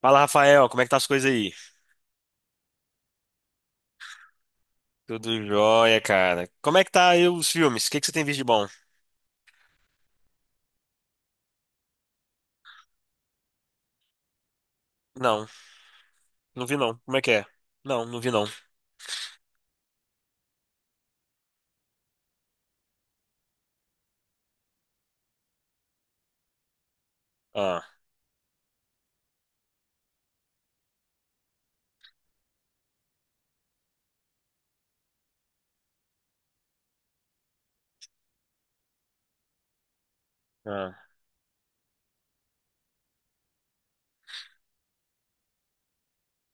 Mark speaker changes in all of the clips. Speaker 1: Fala, Rafael, como é que tá as coisas aí? Tudo jóia, cara. Como é que tá aí os filmes? O que que você tem visto de bom? Não, não vi não. Como é que é? Não, não vi não. Ah, ah.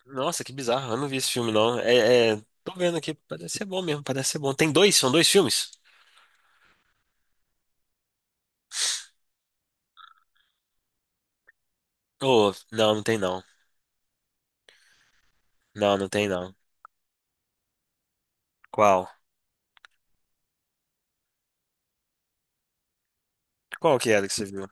Speaker 1: Nossa, que bizarro. Eu não vi esse filme não. Tô vendo aqui, parece ser bom mesmo, parece ser bom. Tem dois? São dois filmes? Oh, não, não tem não. Não, não tem não. Qual? Qual que era que você viu?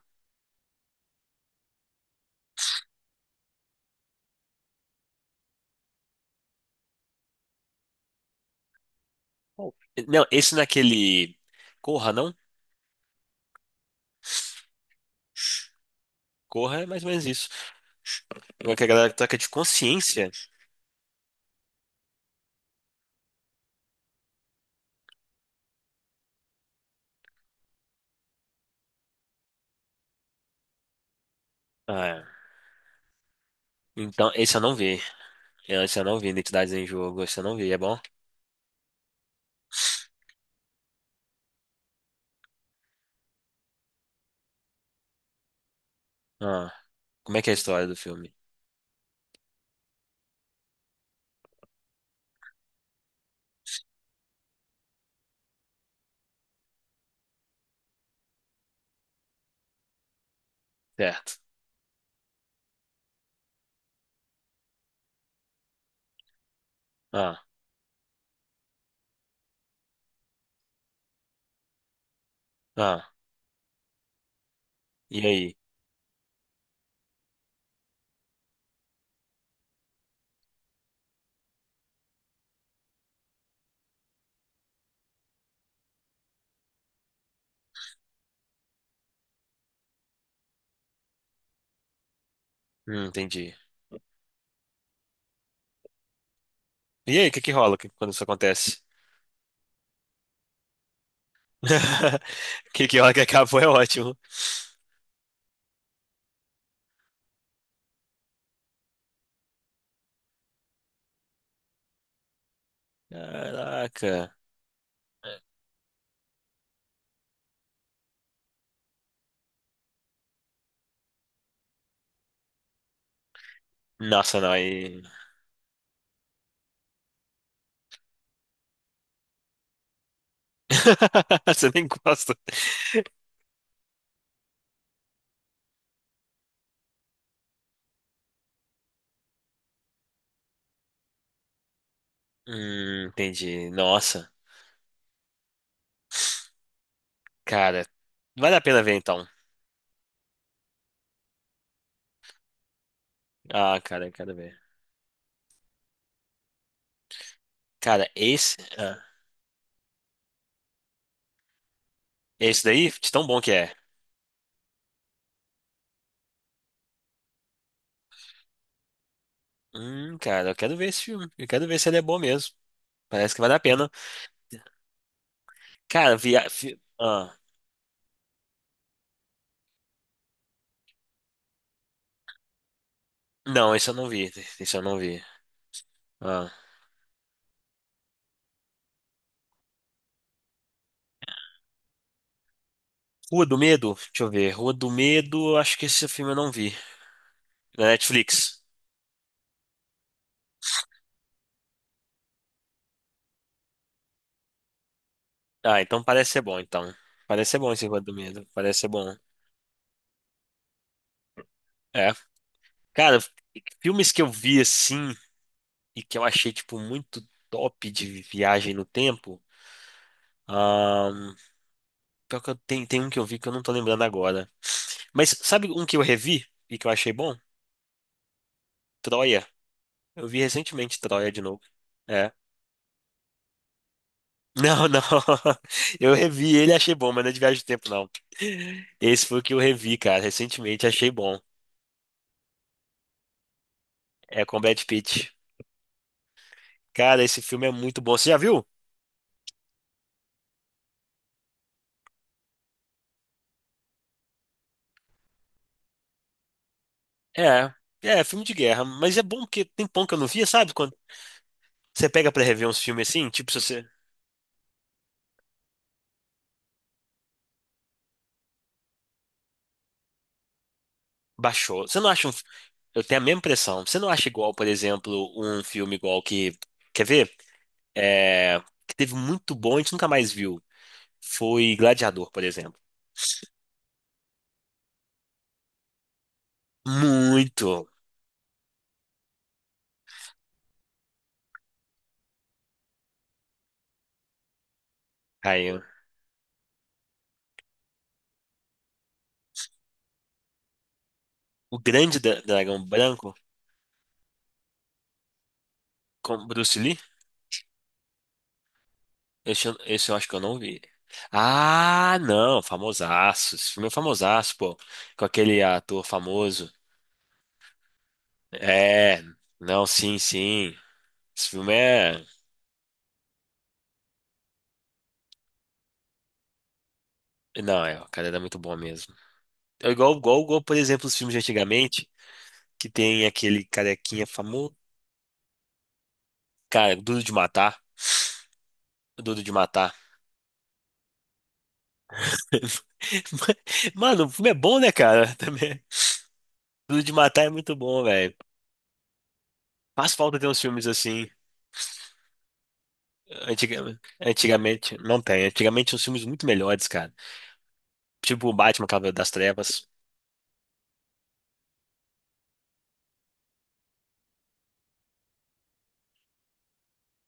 Speaker 1: Qual? Não, esse naquele Corra, não? Corra é mais ou menos isso. Como é que a galera toca de consciência? Ah, então, esse eu não vi. Eu, esse eu não vi Identidades em Jogo, esse eu não vi, é bom? Ah, como é que é a história do filme? Certo. Ah, ah, e aí? Entendi. E aí, o que que rola quando isso acontece? O que que rola que acabou é ótimo. Caraca. Nossa, não, aí... Você nem gosta. Entendi. Nossa, cara, vale a pena ver então. Ah, cara, eu quero ver. Cara, esse, ah, esse daí, de tão bom que é. Cara, eu quero ver esse filme. Eu quero ver se ele é bom mesmo. Parece que vale a pena. Cara, Ah, não, esse eu não vi. Esse eu não vi. Ah. Rua do Medo? Deixa eu ver. Rua do Medo, acho que esse filme eu não vi. Na Netflix. Ah, então parece ser bom, então. Parece ser bom esse Rua do Medo. Parece ser bom. É. Cara, filmes que eu vi assim e que eu achei, tipo, muito top de viagem no tempo. ahn, pior que eu tenho, tem um que eu vi que eu não tô lembrando agora. Mas sabe um que eu revi e que eu achei bom? Troia. Eu vi recentemente Troia de novo. É. Não, não. Eu revi ele e achei bom, mas não é de viagem do tempo, não. Esse foi o que eu revi, cara, recentemente, achei bom. É com Brad Pitt. Cara, esse filme é muito bom. Você já viu? É. É, filme de guerra, mas é bom porque tem pão que eu não via, sabe? Quando você pega pra rever uns filmes assim, tipo, se você baixou. Você não acha um. Eu tenho a mesma impressão. Você não acha igual, por exemplo, um filme igual que. Quer ver? É... Que teve muito bom, a gente nunca mais viu. Foi Gladiador, por exemplo. Muito, Caio. O grande dragão branco com Bruce Lee? Esse, esse eu acho que eu não vi. Ah, não, famosaço. Esse filme é famosaço, pô. Com aquele ator famoso. É, não, sim, sim. Esse filme é. Não, é, o cara era muito bom mesmo. É igual, igual, igual, por exemplo, os filmes de antigamente, que tem aquele carequinha famoso. Cara, Duro de Matar. Duro de Matar. Mano, o filme é bom, né, cara? Também. Duro de Matar é muito bom, velho. Faz falta ter uns filmes assim, antigamente. Não tem. Antigamente tinha uns filmes muito melhores, cara. Tipo o Batman, Cavaleiro das Trevas.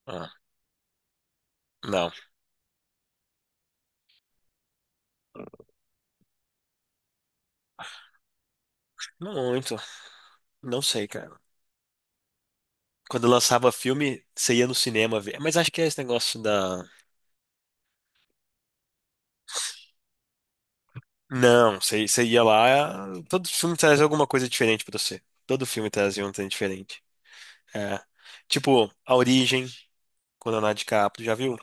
Speaker 1: Ah, não, não muito. Não sei, cara. Quando eu lançava filme, você ia no cinema ver. Mas acho que é esse negócio da. Não, você ia lá. Todo filme trazia alguma coisa diferente pra você. Todo filme trazia um trem diferente. É. Tipo, A Origem, com Leonardo DiCaprio, já viu?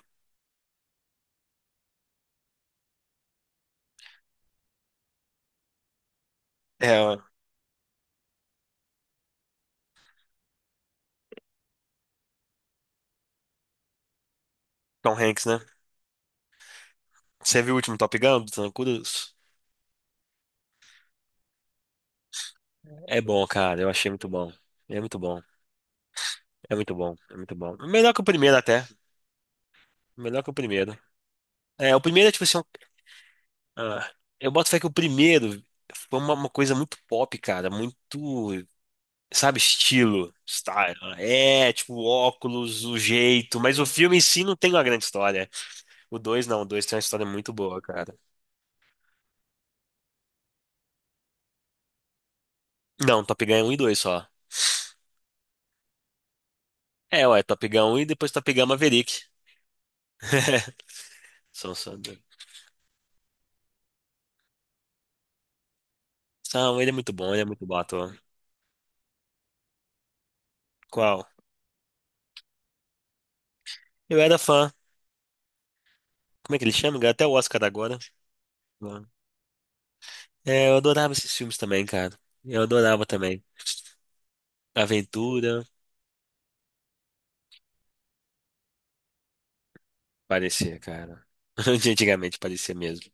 Speaker 1: É, Tom Hanks, né? Você viu o último Top Gun do Tom Cruise? É bom, cara. Eu achei muito bom. É muito bom. É muito bom. É muito bom. Melhor que o primeiro até. Melhor que o primeiro. É, o primeiro é tipo assim. ah, eu boto fé que o primeiro foi uma coisa muito pop, cara. Muito, sabe, estilo. Style. Né? É, tipo, óculos, o jeito. Mas o filme em si não tem uma grande história. O dois não. O dois tem uma história muito boa, cara. Não, Top Gun é um e 2 só. É, ué, Top Gun um e depois Top Gun Maverick. São só dois. São, ele é muito bom, ele é muito bom ator. Qual? Eu era fã. Como é que ele chama? Ganhou até o Oscar agora. É, eu adorava esses filmes também, cara. Eu adorava também. Aventura, parecia, cara. De Antigamente parecia mesmo.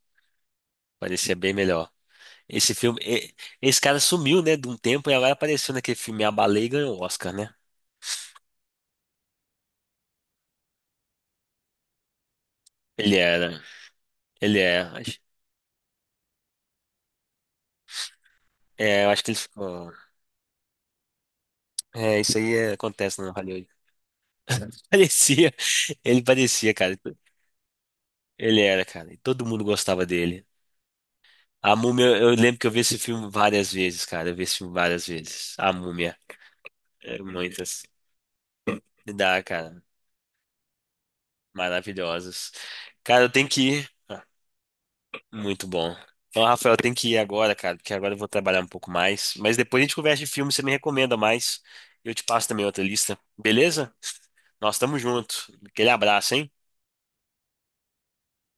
Speaker 1: Parecia bem melhor. Esse filme, e- Esse cara sumiu, né, de um tempo e agora apareceu naquele filme A Baleia e ganhou o Oscar, né? Ele era, ele é. Acho- É, eu acho que ele ficou. É, isso aí é- acontece no Hollywood. Parecia, ele parecia, cara. Ele era, cara. E todo mundo gostava dele. A Múmia, eu lembro que eu vi esse filme várias vezes, cara. Eu vi esse filme várias vezes. A Múmia. É, muitas. Me dá, cara. Maravilhosas. Cara, eu tenho que ir. Ah, muito bom. Então, Rafael, eu tenho que ir agora, cara, porque agora eu vou trabalhar um pouco mais. Mas depois a gente conversa de filme, você me recomenda mais. Eu te passo também outra lista. Beleza? Nós estamos juntos. Aquele abraço, hein?